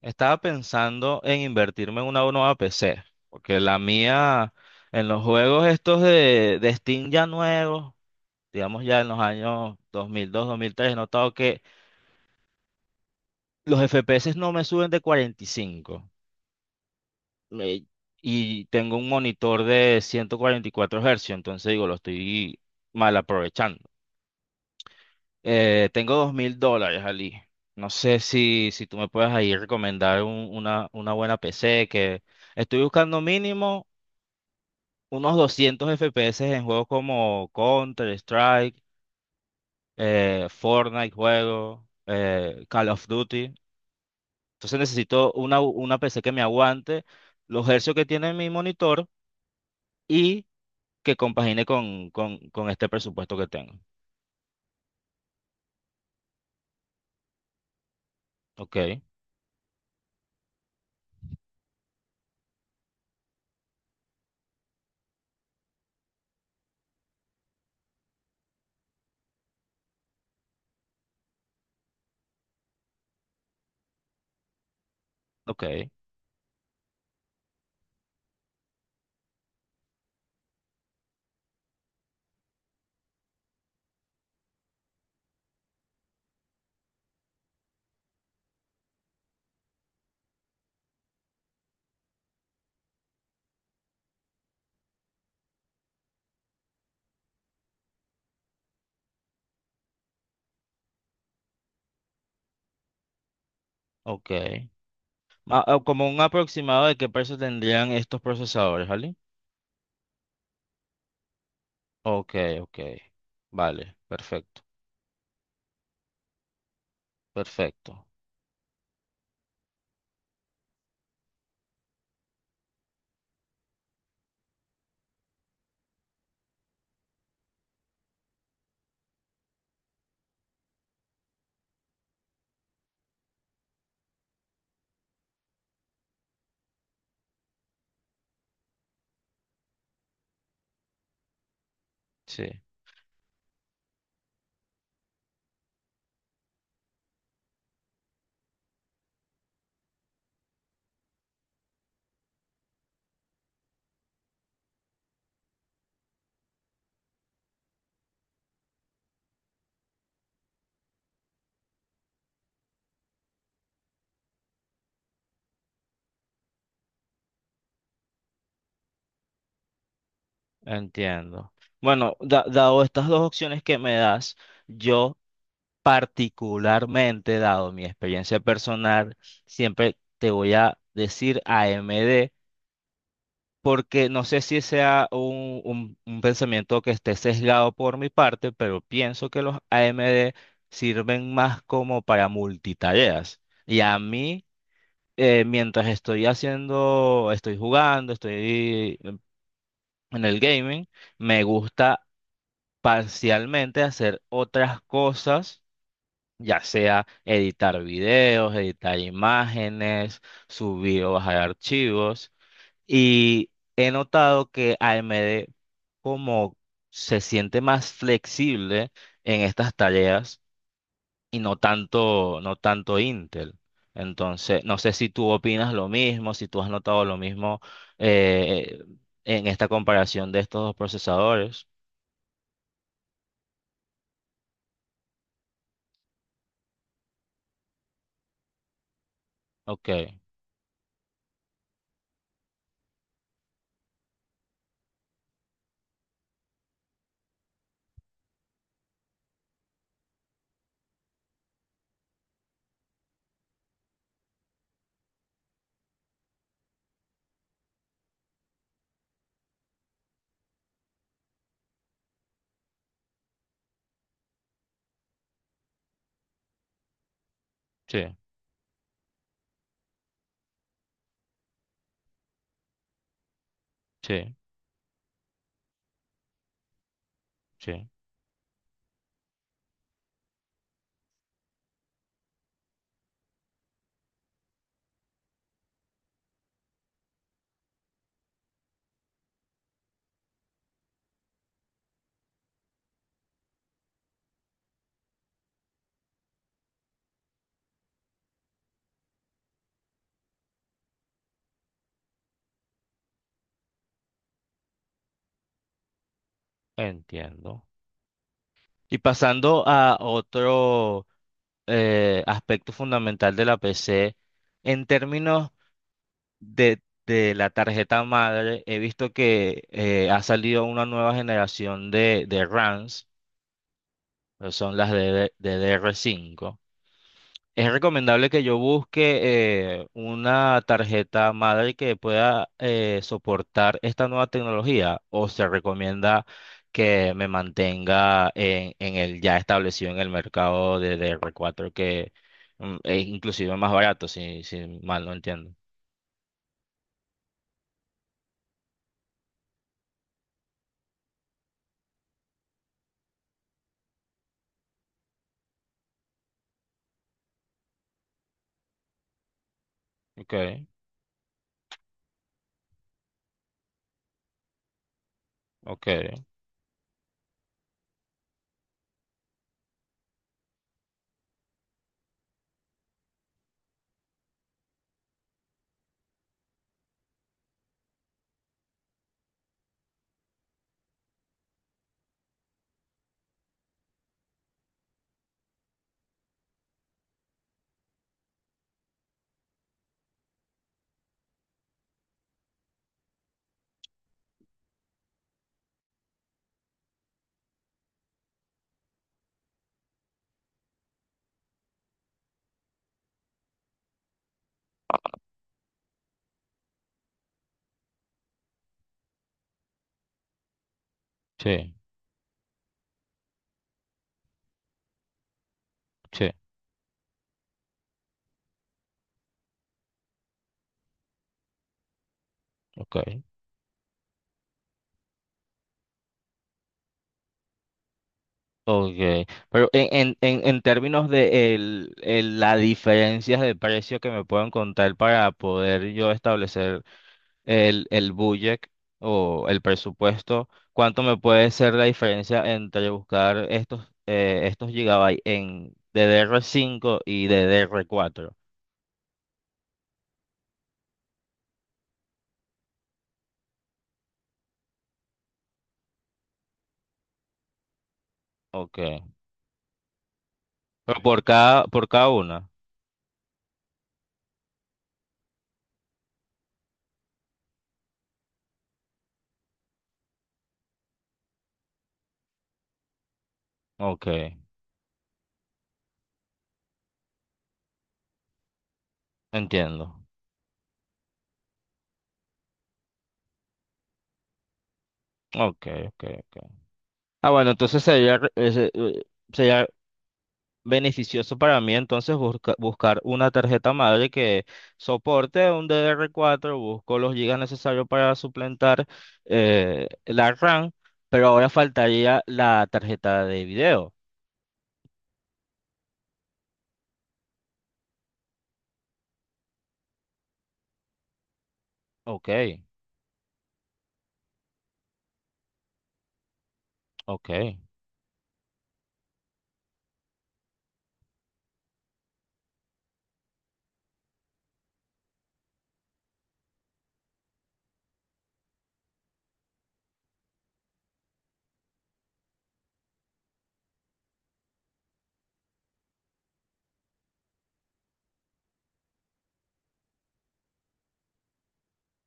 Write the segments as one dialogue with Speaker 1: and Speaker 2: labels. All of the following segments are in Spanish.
Speaker 1: Estaba pensando en invertirme en una nueva PC, porque la mía en los juegos estos de Steam ya nuevos, digamos ya en los años 2002, dos mil tres, he notado que los FPS no me suben de 45. me- y tengo un monitor de 144 Hz, entonces digo, lo estoy mal aprovechando. Tengo $2000, Ali. No sé si tú me puedes ahí recomendar una buena PC que… Estoy buscando mínimo unos 200 FPS en juegos como Counter-Strike, Fortnite juego, Call of Duty. Entonces necesito una PC que me aguante los hercios que tiene mi monitor y que compagine con, con este presupuesto que tengo. Ok, ok, ok. Como un aproximado de qué precio tendrían estos procesadores, ¿vale? Ok, ok. Vale, perfecto, perfecto. Sí. Entiendo. Bueno, dado estas dos opciones que me das, yo particularmente, dado mi experiencia personal, siempre te voy a decir AMD, porque no sé si sea un pensamiento que esté sesgado por mi parte, pero pienso que los AMD sirven más como para multitareas. Y a mí, mientras estoy haciendo, estoy jugando, estoy en el gaming, me gusta parcialmente hacer otras cosas, ya sea editar videos, editar imágenes, subir o bajar archivos. Y he notado que AMD como se siente más flexible en estas tareas y no tanto, no tanto Intel. Entonces, no sé si tú opinas lo mismo, si tú has notado lo mismo eh, en esta comparación de estos dos procesadores. Ok, sí, sí. Sí. Entiendo. Y pasando a otro aspecto fundamental de la PC, en términos de la tarjeta madre, he visto que ha salido una nueva generación de RAMs, que son las de DDR5. ¿Es recomendable que yo busque una tarjeta madre que pueda soportar esta nueva tecnología o se recomienda que me mantenga en el ya establecido en el mercado de DR4 que es inclusive más barato, si mal no entiendo? Okay, okay, sí, sí, okay. Okay, pero en, en términos de la diferencias de precio que me puedan contar para poder yo establecer el budget o el presupuesto, ¿cuánto me puede ser la diferencia entre buscar estos, estos gigabytes en DDR5 y DDR4? Ok. Pero por cada una. Ok, entiendo. Ok, ok, ok. Ah, bueno, entonces sería, sería beneficioso para mí entonces buscar una tarjeta madre que soporte un DDR4, busco los gigas necesarios para suplantar la RAM, pero ahora faltaría la tarjeta de video. Ok, ok,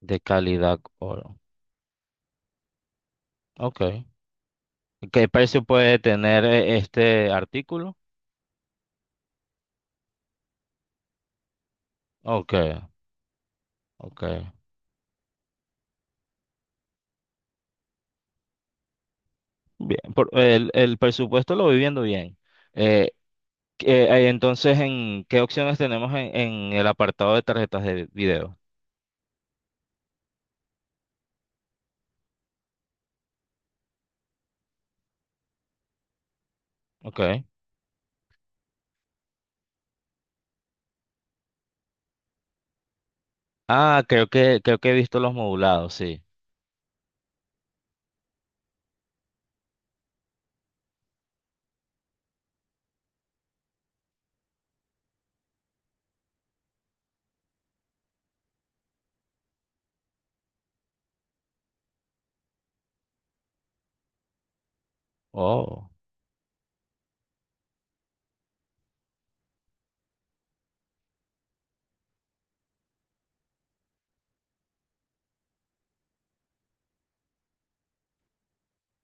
Speaker 1: de calidad oro. Ok. ¿Qué precio puede tener este artículo? Ok, ok. Bien, el presupuesto lo voy viendo bien. Eh, entonces, ¿en qué opciones tenemos en el apartado de tarjetas de video? Ok. Ah, creo que he visto los modulados, sí. Oh,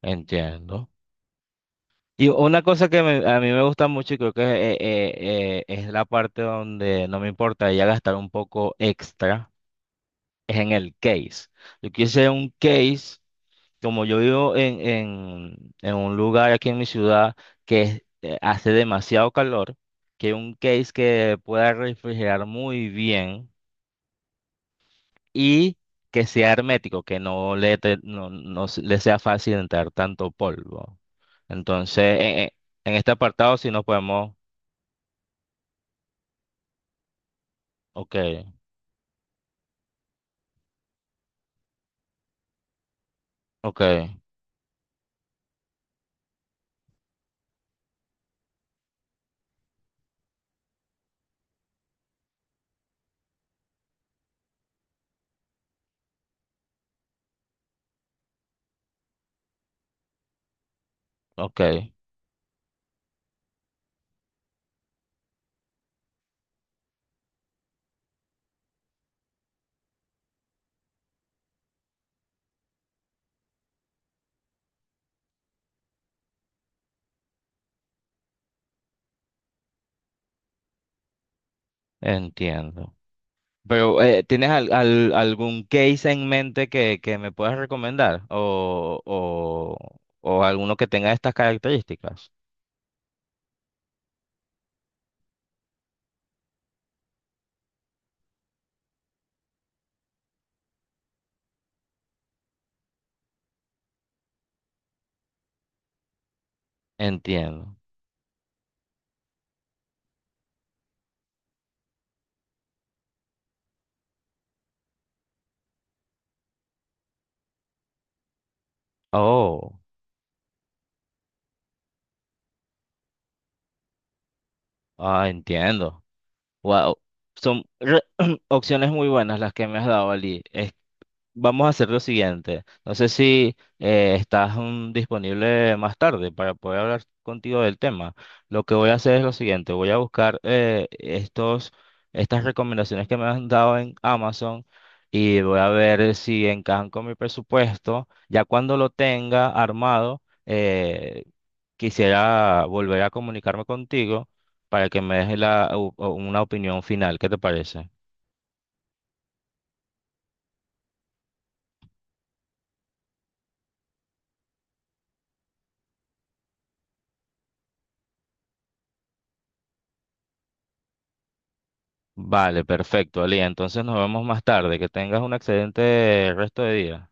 Speaker 1: entiendo. Y una cosa que a mí me gusta mucho y creo que es la parte donde no me importa ya gastar un poco extra, es en el case. Yo quise un case como yo vivo en, en un lugar aquí en mi ciudad hace demasiado calor, que un case que pueda refrigerar muy bien y que sea hermético, que no le, te- no, no se- le sea fácil entrar tanto polvo. Entonces, en este apartado si nos podemos… Ok, ok, ok, entiendo. Pero, ¿tienes algún case en mente que me puedas recomendar? O alguno que tenga estas características. Entiendo. Oh, Entiendo. Wow. Son re- Opciones muy buenas las que me has dado, Ali. Vamos a hacer lo siguiente. No sé si estás disponible más tarde para poder hablar contigo del tema. Lo que voy a hacer es lo siguiente. Voy a buscar estas recomendaciones que me han dado en Amazon y voy a ver si encajan con mi presupuesto. Ya cuando lo tenga armado, quisiera volver a comunicarme contigo para que me des una opinión final. ¿Qué te parece? Vale, perfecto, Ali. Entonces nos vemos más tarde. Que tengas un excelente resto de día.